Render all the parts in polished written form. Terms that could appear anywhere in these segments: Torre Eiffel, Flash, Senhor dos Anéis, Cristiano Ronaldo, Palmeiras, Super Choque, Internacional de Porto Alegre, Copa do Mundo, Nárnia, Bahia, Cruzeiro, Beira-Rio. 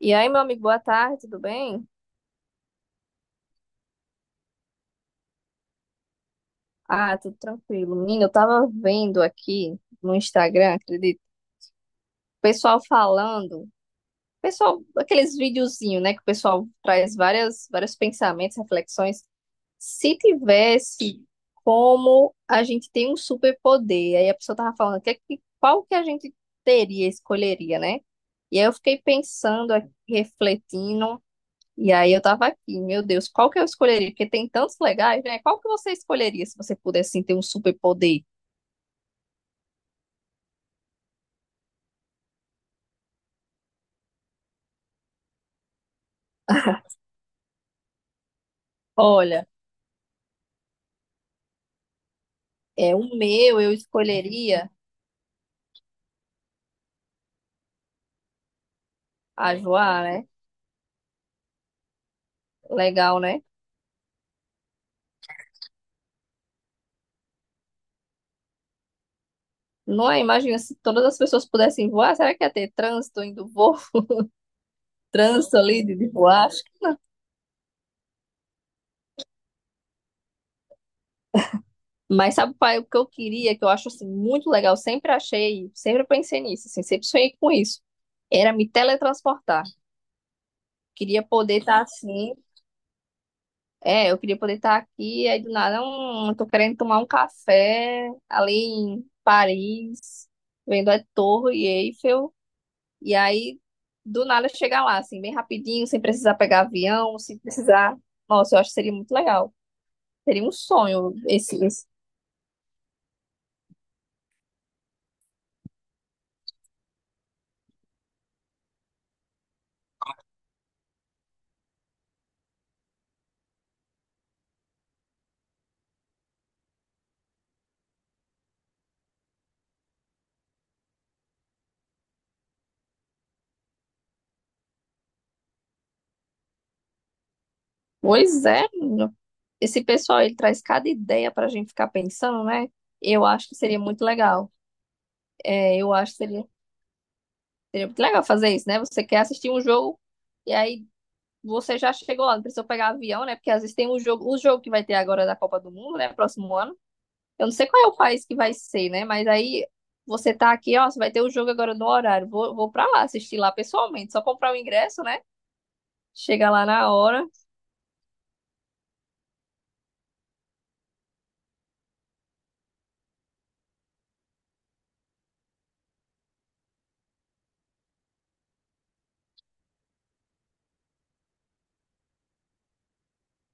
E aí, meu amigo, boa tarde, tudo bem? Ah, tudo tranquilo. Menina, eu tava vendo aqui no Instagram, acredito, o pessoal falando, pessoal, aqueles videozinhos, né, que o pessoal traz vários pensamentos, reflexões. Se tivesse como a gente tem um superpoder, aí a pessoa tava falando, qual que a gente teria, escolheria, né? E aí eu fiquei pensando aqui, refletindo. E aí eu tava aqui, meu Deus, qual que eu escolheria? Porque tem tantos legais, né? Qual que você escolheria se você pudesse assim, ter um superpoder? Olha, é o meu, eu escolheria a voar, né? Legal, né? Não é? Imagina se todas as pessoas pudessem voar, será que ia ter trânsito indo voo? Trânsito ali de voar? Mas sabe, pai, o que eu queria, que eu acho assim, muito legal, sempre achei, sempre pensei nisso, assim, sempre sonhei com isso, era me teletransportar. Queria poder estar assim, é, eu queria poder estar aqui, aí do nada, tô querendo tomar um café ali em Paris, vendo a Torre Eiffel, e aí do nada chegar lá, assim, bem rapidinho, sem precisar pegar avião, sem precisar. Nossa, eu acho que seria muito legal. Seria um sonho esse, esse... Pois é, menino. Esse pessoal, ele traz cada ideia pra gente ficar pensando, né? Eu acho que seria muito legal. É, eu acho que seria muito legal fazer isso, né? Você quer assistir um jogo. E aí você já chegou lá, não precisou pegar avião, né? Porque às vezes tem o jogo que vai ter agora da Copa do Mundo, né? Próximo ano. Eu não sei qual é o país que vai ser, né? Mas aí você tá aqui, ó, você vai ter o jogo agora no horário. Vou pra lá assistir lá pessoalmente. Só comprar o ingresso, né? Chega lá na hora.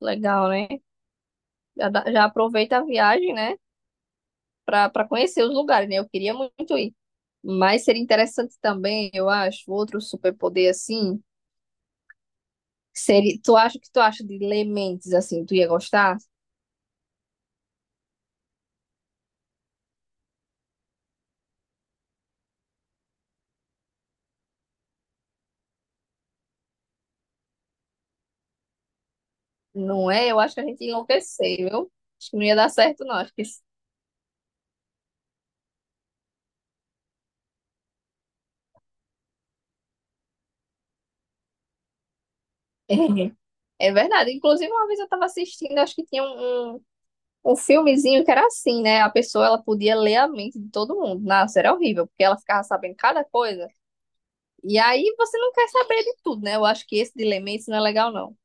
Legal, né? Já aproveita a viagem, né? Pra conhecer os lugares, né? Eu queria muito ir. Mas seria interessante também, eu acho, outro superpoder assim. Seria, tu acha o que tu acha de ler mentes assim? Tu ia gostar? Não é? Eu acho que a gente ia enlouquecer, viu? Acho que não ia dar certo, não. Acho que isso... é verdade. Inclusive, uma vez eu estava assistindo, acho que tinha um um filmezinho que era assim, né? A pessoa ela podia ler a mente de todo mundo. Nossa, era horrível, porque ela ficava sabendo cada coisa. E aí você não quer saber de tudo, né? Eu acho que esse de ler mentes não é legal, não.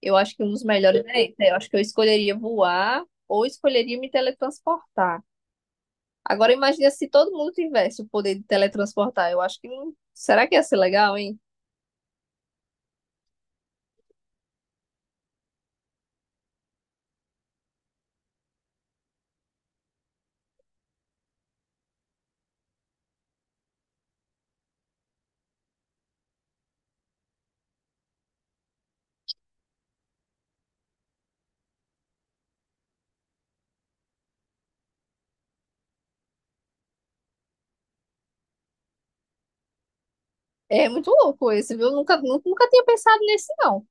Eu acho que um dos melhores é esse. Eu acho que eu escolheria voar ou escolheria me teletransportar. Agora imagina se todo mundo tivesse o poder de teletransportar. Eu acho que não. Será que ia ser legal, hein? É muito louco esse, viu? Eu nunca, nunca tinha pensado nesse, não.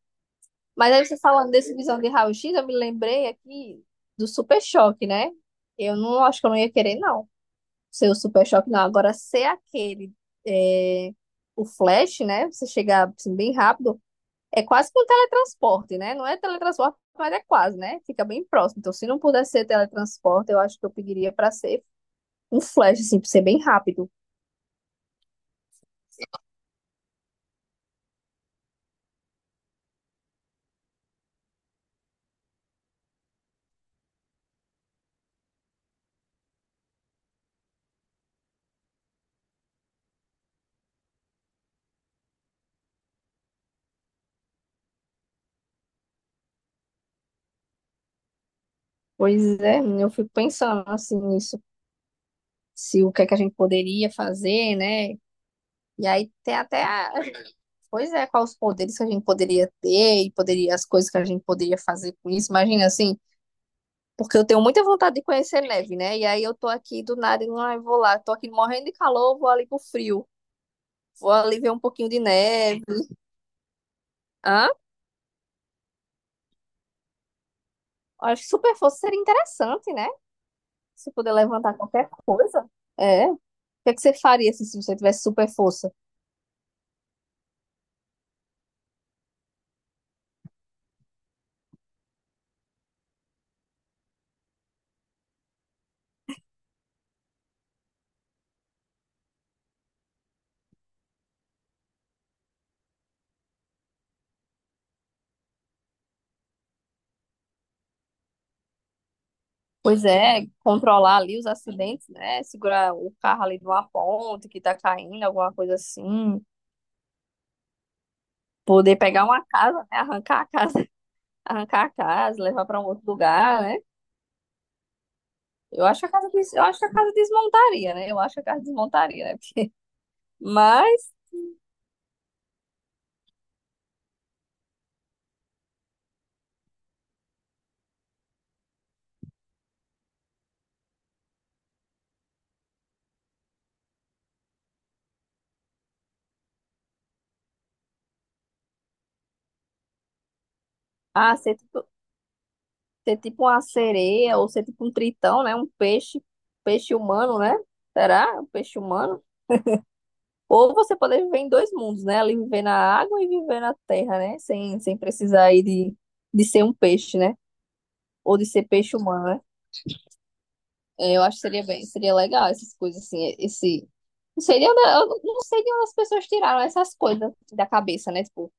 Mas aí você falando desse visão de raio-x, eu me lembrei aqui do super choque, né? Eu não acho que eu não ia querer, não. Ser o super choque, não. Agora, ser aquele, é, o flash, né? Você chegar assim, bem rápido, é quase que um teletransporte, né? Não é teletransporte, mas é quase, né? Fica bem próximo. Então, se não pudesse ser teletransporte, eu acho que eu pediria para ser um flash, assim, para ser bem rápido. Pois é, eu fico pensando assim nisso, se o que é que a gente poderia fazer, né? E aí tem até a... Pois é, quais os poderes que a gente poderia ter e poderia, as coisas que a gente poderia fazer com isso. Imagina assim, porque eu tenho muita vontade de conhecer neve, né? E aí eu tô aqui do nada e ah, eu vou lá, tô aqui morrendo de calor, vou ali pro frio. Vou ali ver um pouquinho de neve. Hã? Acho que super força seria interessante, né? Se puder levantar qualquer coisa. É. O que é que você faria assim, se você tivesse super força? Pois é, controlar ali os acidentes, né? Segurar o carro ali numa ponte que tá caindo, alguma coisa assim. Poder pegar uma casa, né? Arrancar a casa, arrancar a casa, levar para um outro lugar, né? Eu acho que a casa, eu acho que a casa desmontaria, né? Eu acho que a casa desmontaria, né? Mas ah, ser tipo uma sereia ou ser tipo um tritão, né? Um peixe, peixe humano, né? Será? Um peixe humano? Ou você poder viver em dois mundos, né? Ali viver na água e viver na terra, né? Sem precisar aí de ser um peixe, né? Ou de ser peixe humano, né? É, eu acho que seria seria legal essas coisas assim, esse... Não sei, eu não sei de onde as pessoas tiraram essas coisas da cabeça, né? Tipo,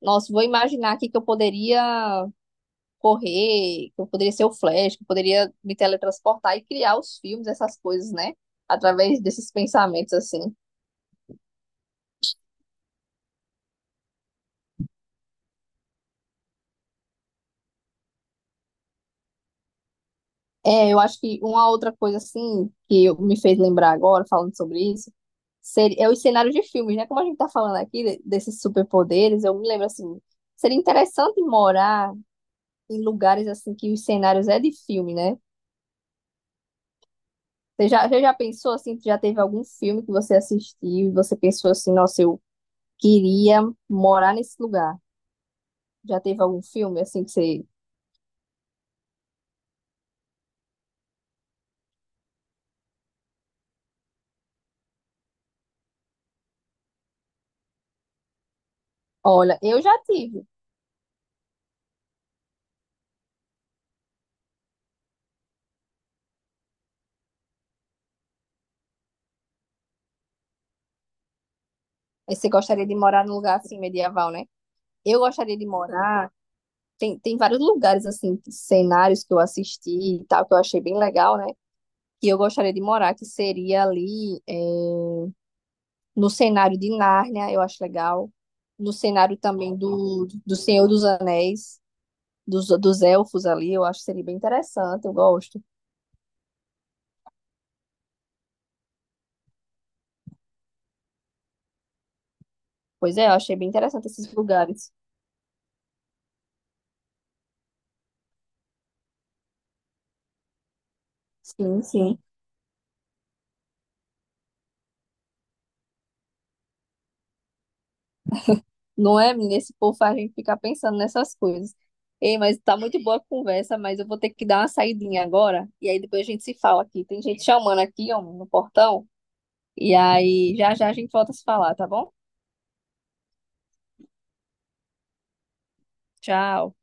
nossa, vou imaginar aqui que eu poderia correr, que eu poderia ser o Flash, que eu poderia me teletransportar e criar os filmes, essas coisas, né? Através desses pensamentos, assim. É, eu acho que uma outra coisa assim me fez lembrar agora, falando sobre isso, seria, é os cenários de filmes, né? Como a gente tá falando aqui desses superpoderes, eu me lembro assim, seria interessante morar em lugares assim que os cenários é de filme, né? Você já pensou assim, já teve algum filme que você assistiu e você pensou assim, nossa, eu queria morar nesse lugar. Já teve algum filme assim que você... Olha, eu já tive. Aí você gostaria de morar num lugar assim medieval, né? Eu gostaria de morar. Tem, tem vários lugares, assim, cenários que eu assisti e tal, que eu achei bem legal, né? Que eu gostaria de morar, que seria ali é, no cenário de Nárnia, eu acho legal. No cenário também do, do Senhor dos Anéis, dos elfos ali, eu acho que seria bem interessante, eu gosto. Pois é, eu achei bem interessante esses lugares. Sim, sim. Não é, menina? Esse povo faz a gente ficar pensando nessas coisas. Ei, mas tá muito boa a conversa, mas eu vou ter que dar uma saidinha agora, e aí depois a gente se fala aqui. Tem gente chamando aqui, ó, no portão. E aí, já já a gente volta a se falar, tá bom? Tchau.